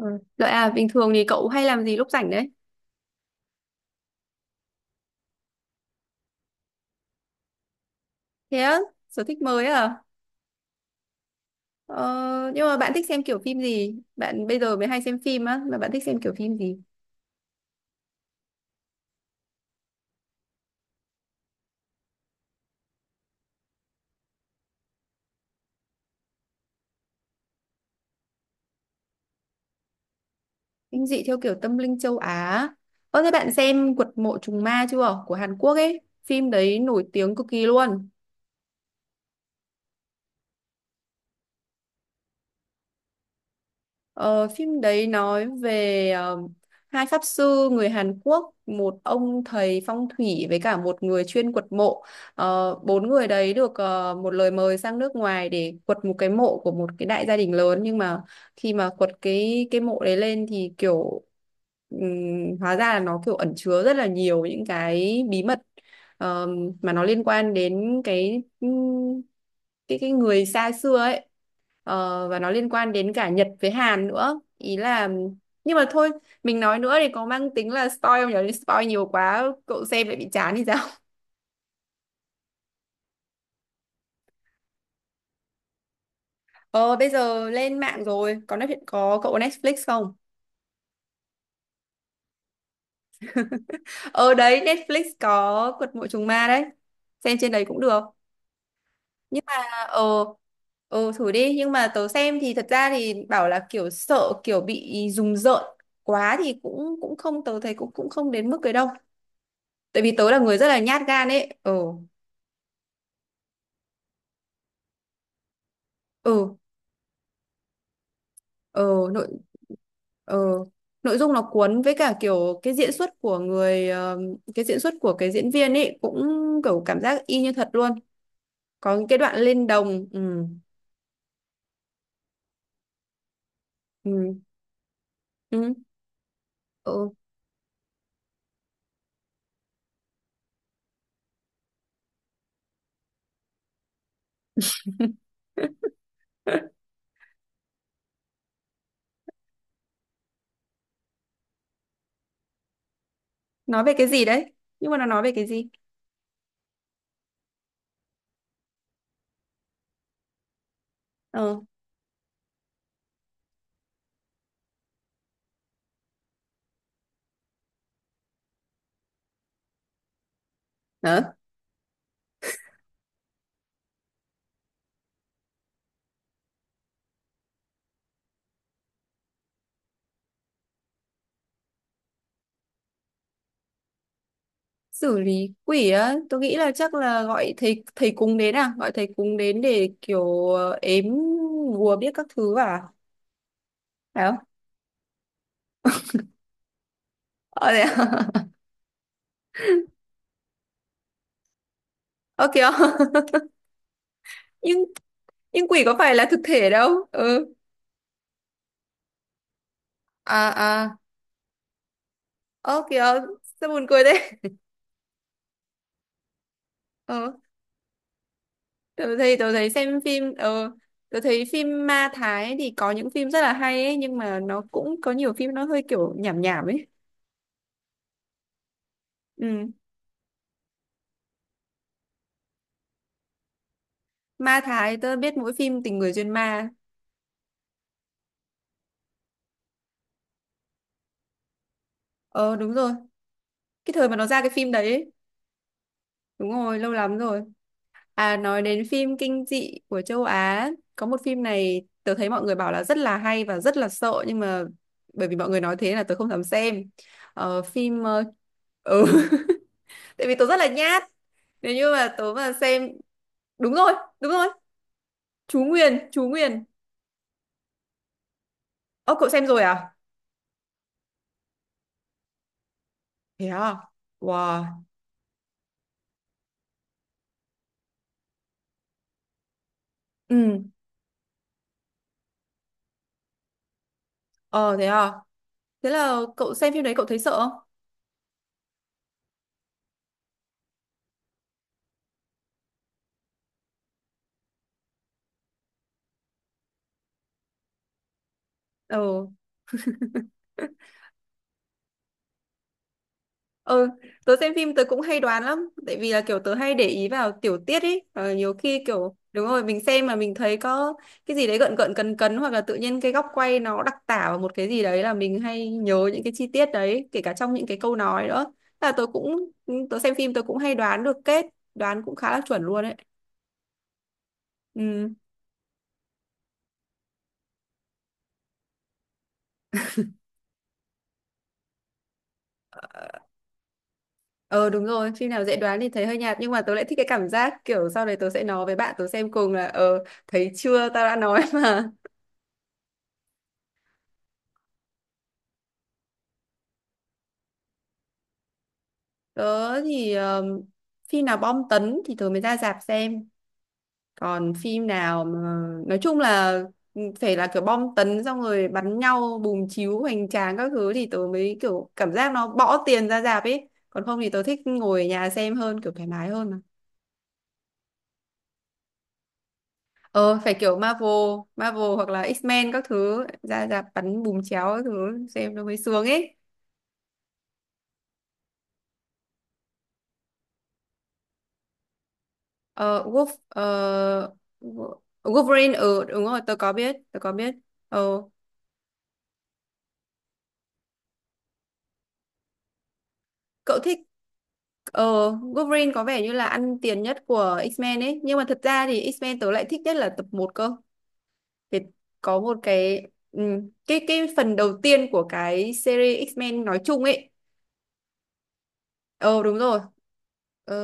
Ừ. Lợi à, bình thường thì cậu hay làm gì lúc rảnh đấy? Thế á, sở thích mới à? Ờ, nhưng mà bạn thích xem kiểu phim gì? Bạn bây giờ mới hay xem phim á, mà bạn thích xem kiểu phim gì? Kinh dị theo kiểu tâm linh châu Á. Ơ thế bạn xem Quật mộ trùng ma chưa? Của Hàn Quốc ấy. Phim đấy nổi tiếng cực kỳ luôn. Ờ, Phim đấy nói về hai pháp sư người Hàn Quốc, một ông thầy phong thủy với cả một người chuyên quật mộ. Bốn người đấy được một lời mời sang nước ngoài để quật một cái mộ của một cái đại gia đình lớn, nhưng mà khi mà quật cái mộ đấy lên thì kiểu hóa ra là nó kiểu ẩn chứa rất là nhiều những cái bí mật ờ, mà nó liên quan đến cái cái người xa xưa ấy. Ờ, và nó liên quan đến cả Nhật với Hàn nữa ý là nhưng mà thôi, mình nói nữa thì có mang tính là spoil không nhỉ, spoil nhiều quá cậu xem lại bị chán thì sao. Ờ Bây giờ lên mạng rồi, có Netflix, có, cậu có Netflix không? Ờ Đấy, Netflix có Quật Mộ Trùng Ma đấy, xem trên đấy cũng được. Nhưng mà ờ thử đi, nhưng mà tớ xem thì thật ra thì bảo là kiểu sợ kiểu bị rùng rợn quá thì cũng cũng không, tớ thấy cũng cũng không đến mức cái đâu, tại vì tớ là người rất là nhát gan ấy. Ờ. Ừ. ờ nội ờ Nội dung nó cuốn với cả kiểu cái diễn xuất của người cái diễn xuất của cái diễn viên ấy cũng kiểu cảm giác y như thật luôn, có những cái đoạn lên đồng. Ừ ừ. Ừ. Ừ. Nói về cái gì đấy, nhưng mà nó nói về cái gì? ờ Hả? Xử lý quỷ á, tôi nghĩ là chắc là gọi thầy thầy cúng đến, à gọi thầy cúng đến để kiểu ếm bùa biết các thứ à, phải không? Ờ thế à? Ok. Không? nhưng nhưng quỷ có phải là thực thể đâu. Ừ. À à. Ơ kìa, sao buồn cười thế. Ờ, tớ thấy xem phim tớ thấy phim ma Thái thì có những phim rất là hay ấy, nhưng mà nó cũng có nhiều phim nó hơi kiểu nhảm nhảm ấy. Ừ. Ma Thái tớ biết mỗi phim Tình người duyên ma. Ờ đúng rồi, cái thời mà nó ra cái phim đấy ấy. Đúng rồi, lâu lắm rồi. À nói đến phim kinh dị của châu Á, có một phim này tớ thấy mọi người bảo là rất là hay và rất là sợ, nhưng mà bởi vì mọi người nói thế là tớ không dám xem. Ờ, phim ừ. Tại vì tớ rất là nhát. Nếu như mà tớ mà xem đúng rồi, đúng rồi. Chú Nguyền, Chú Nguyền. Ơ cậu xem rồi à? Thế à? Wow. Ừ. Ờ thế à. Thế là cậu xem phim đấy cậu thấy sợ không? Ừ. Ừ, tớ xem phim tớ cũng hay đoán lắm tại vì là kiểu tớ hay để ý vào tiểu tiết ấy, và nhiều khi kiểu đúng rồi mình xem mà mình thấy có cái gì đấy gợn gợn cấn cấn, hoặc là tự nhiên cái góc quay nó đặc tả vào một cái gì đấy, là mình hay nhớ những cái chi tiết đấy, kể cả trong những cái câu nói nữa. Thế là tớ cũng ừ, tớ xem phim tớ cũng hay đoán được kết, đoán cũng khá là chuẩn luôn ấy. Ừ. Ờ đúng rồi, phim nào dễ đoán thì thấy hơi nhạt, nhưng mà tớ lại thích cái cảm giác kiểu sau đấy tớ sẽ nói với bạn tớ xem cùng là ờ thấy chưa tao đã nói mà. Tớ thì phim nào bom tấn thì tớ mới ra rạp xem. Còn phim nào mà nói chung là ừ, phải là kiểu bom tấn xong rồi bắn nhau bùm chiếu hoành tráng các thứ thì tớ mới kiểu cảm giác nó bỏ tiền ra rạp ấy. Còn không thì tớ thích ngồi ở nhà xem hơn, kiểu thoải mái hơn mà. Ờ phải kiểu Marvel, Marvel hoặc là X-Men các thứ ra rạp bắn bùm chéo các thứ xem nó mới sướng ấy. Ờ Wolf ờ, Wolverine ừ đúng rồi tớ có biết, tớ có biết. Ờ. Cậu thích ờ Wolverine có vẻ như là ăn tiền nhất của X-Men ấy, nhưng mà thật ra thì X-Men tớ lại thích nhất là tập một cơ. Vì có một cái ừ, cái phần đầu tiên của cái series X-Men nói chung ấy. Ờ đúng rồi. ờ,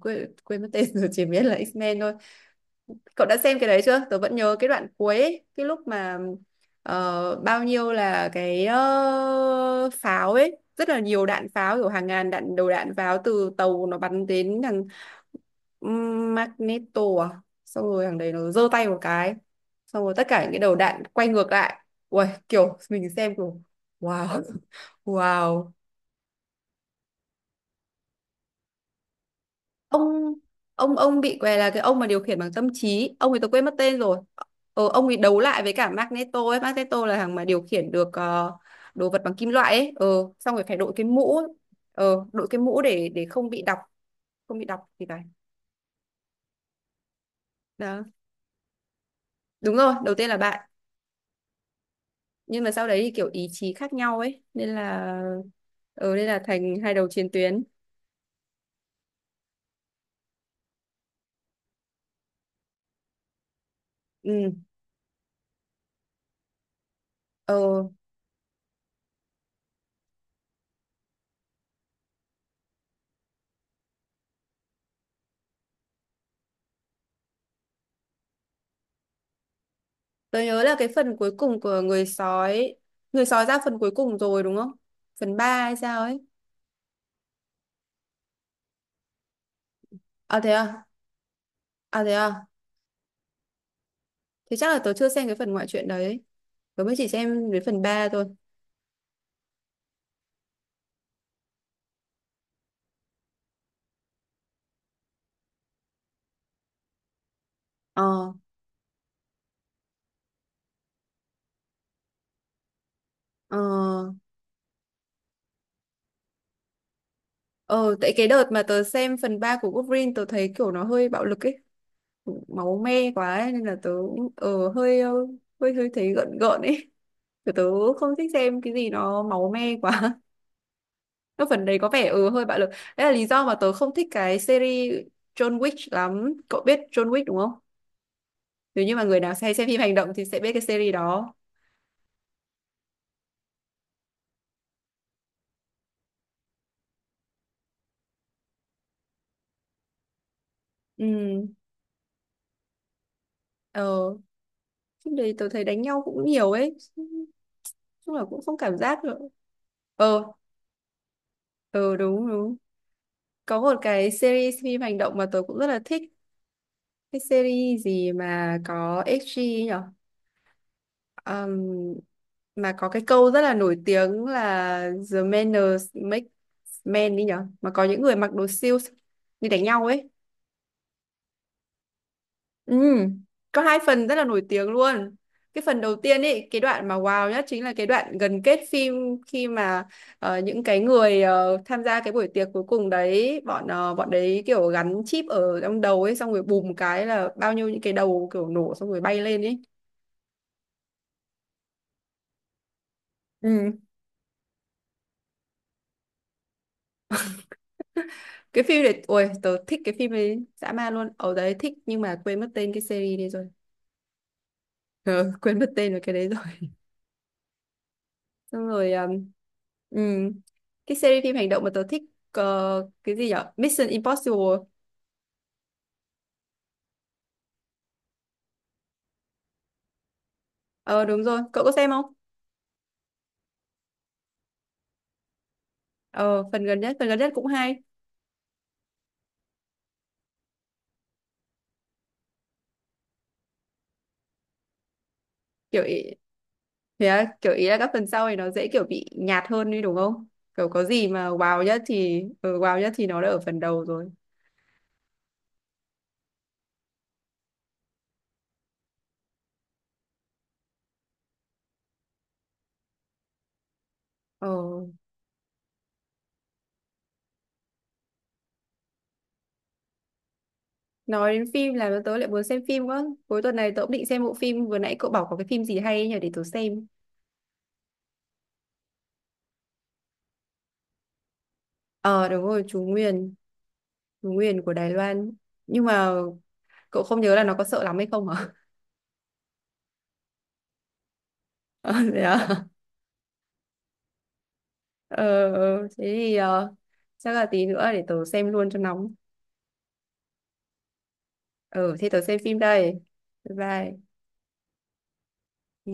quên quên mất tên rồi, chỉ biết là X-Men thôi. Cậu đã xem cái đấy chưa, tớ vẫn nhớ cái đoạn cuối ấy, cái lúc mà bao nhiêu là cái pháo ấy, rất là nhiều đạn pháo, kiểu hàng ngàn đạn đầu đạn pháo từ tàu nó bắn đến thằng Magneto, à xong rồi thằng đấy nó giơ tay một cái, xong rồi tất cả những cái đầu đạn quay ngược lại. Uầy, kiểu mình xem kiểu wow. Wow. ông ông bị què là cái ông mà điều khiển bằng tâm trí, ông ấy tôi quên mất tên rồi. Ờ, ông ấy đấu lại với cả Magneto ấy, Magneto là thằng mà điều khiển được đồ vật bằng kim loại ấy. Ờ, Xong rồi phải đội cái mũ, đội cái mũ để không bị đọc, không bị đọc thì phải. Đó đúng rồi, đầu tiên là bạn, nhưng mà sau đấy thì kiểu ý chí khác nhau ấy nên là ờ nên là thành hai đầu chiến tuyến. Ừ. ờ tôi nhớ là cái phần cuối cùng của người sói, người sói ra phần cuối cùng rồi đúng không, phần 3 hay sao ấy. À thế à? À? Thế chắc là tớ chưa xem cái phần ngoại truyện đấy. Tớ mới chỉ xem đến phần ba thôi. Ờ, ờ, ờ, tại cái đợt mà tớ xem phần 3 của Wolverine tớ thấy kiểu nó hơi bạo lực ấy. Máu me quá ấy, nên là tớ cũng ờ, hơi hơi thấy gợn gợn ấy. Kiểu tớ không thích xem cái gì nó máu me quá. Cái phần đấy có vẻ ừ hơi bạo lực. Đấy là lý do mà tớ không thích cái series John Wick lắm. Cậu biết John Wick đúng không? Nếu như mà người nào hay xem phim hành động thì sẽ biết cái series đó. Ừ. Ờ. Trước đây tôi thấy đánh nhau cũng nhiều ấy. Chung là cũng không cảm giác được. Ờ, ờ đúng đúng. Có một cái series phim hành động mà tôi cũng rất là thích. Cái series gì mà có XG nhở. Ừm, mà có cái câu rất là nổi tiếng là The manners make men đi nhở, mà có những người mặc đồ siêu đi đánh nhau ấy. Ừ, có hai phần rất là nổi tiếng luôn. Cái phần đầu tiên ấy, cái đoạn mà wow nhất chính là cái đoạn gần kết phim, khi mà những cái người tham gia cái buổi tiệc cuối cùng đấy, bọn đấy kiểu gắn chip ở trong đầu ấy, xong rồi bùm cái là bao nhiêu những cái đầu kiểu nổ xong rồi bay lên ấy. Ừ, cái phim này, ôi, tớ thích cái phim ấy dã man luôn. Ở đấy thích nhưng mà quên mất tên cái series đi rồi. Ờ, quên mất tên rồi cái đấy, xong rồi ừm, cái series phim hành động mà tớ thích cái gì nhở Mission Impossible. Ờ đúng rồi, cậu có xem không? Ờ Phần gần nhất, phần gần nhất cũng hay. Kiểu ý, thế á, kiểu ý là các phần sau thì nó dễ kiểu bị nhạt hơn đi đúng không, kiểu có gì mà wow nhất thì ừ, wow nhất thì nó đã ở phần đầu rồi. ờ nói đến phim là tớ lại muốn xem phim quá, cuối tuần này tớ cũng định xem bộ phim vừa nãy cậu bảo có cái phim gì hay ấy nhỉ để tớ xem. Ờ đúng rồi, Chú Nguyền, Chú Nguyền của Đài Loan. Nhưng mà cậu không nhớ là nó có sợ lắm hay không hả? Ờ, thế à? Ờ, Thế thì chắc là tí nữa để tớ xem luôn cho nóng. Ờ thế tớ xem phim đây, bye bye. Ừ.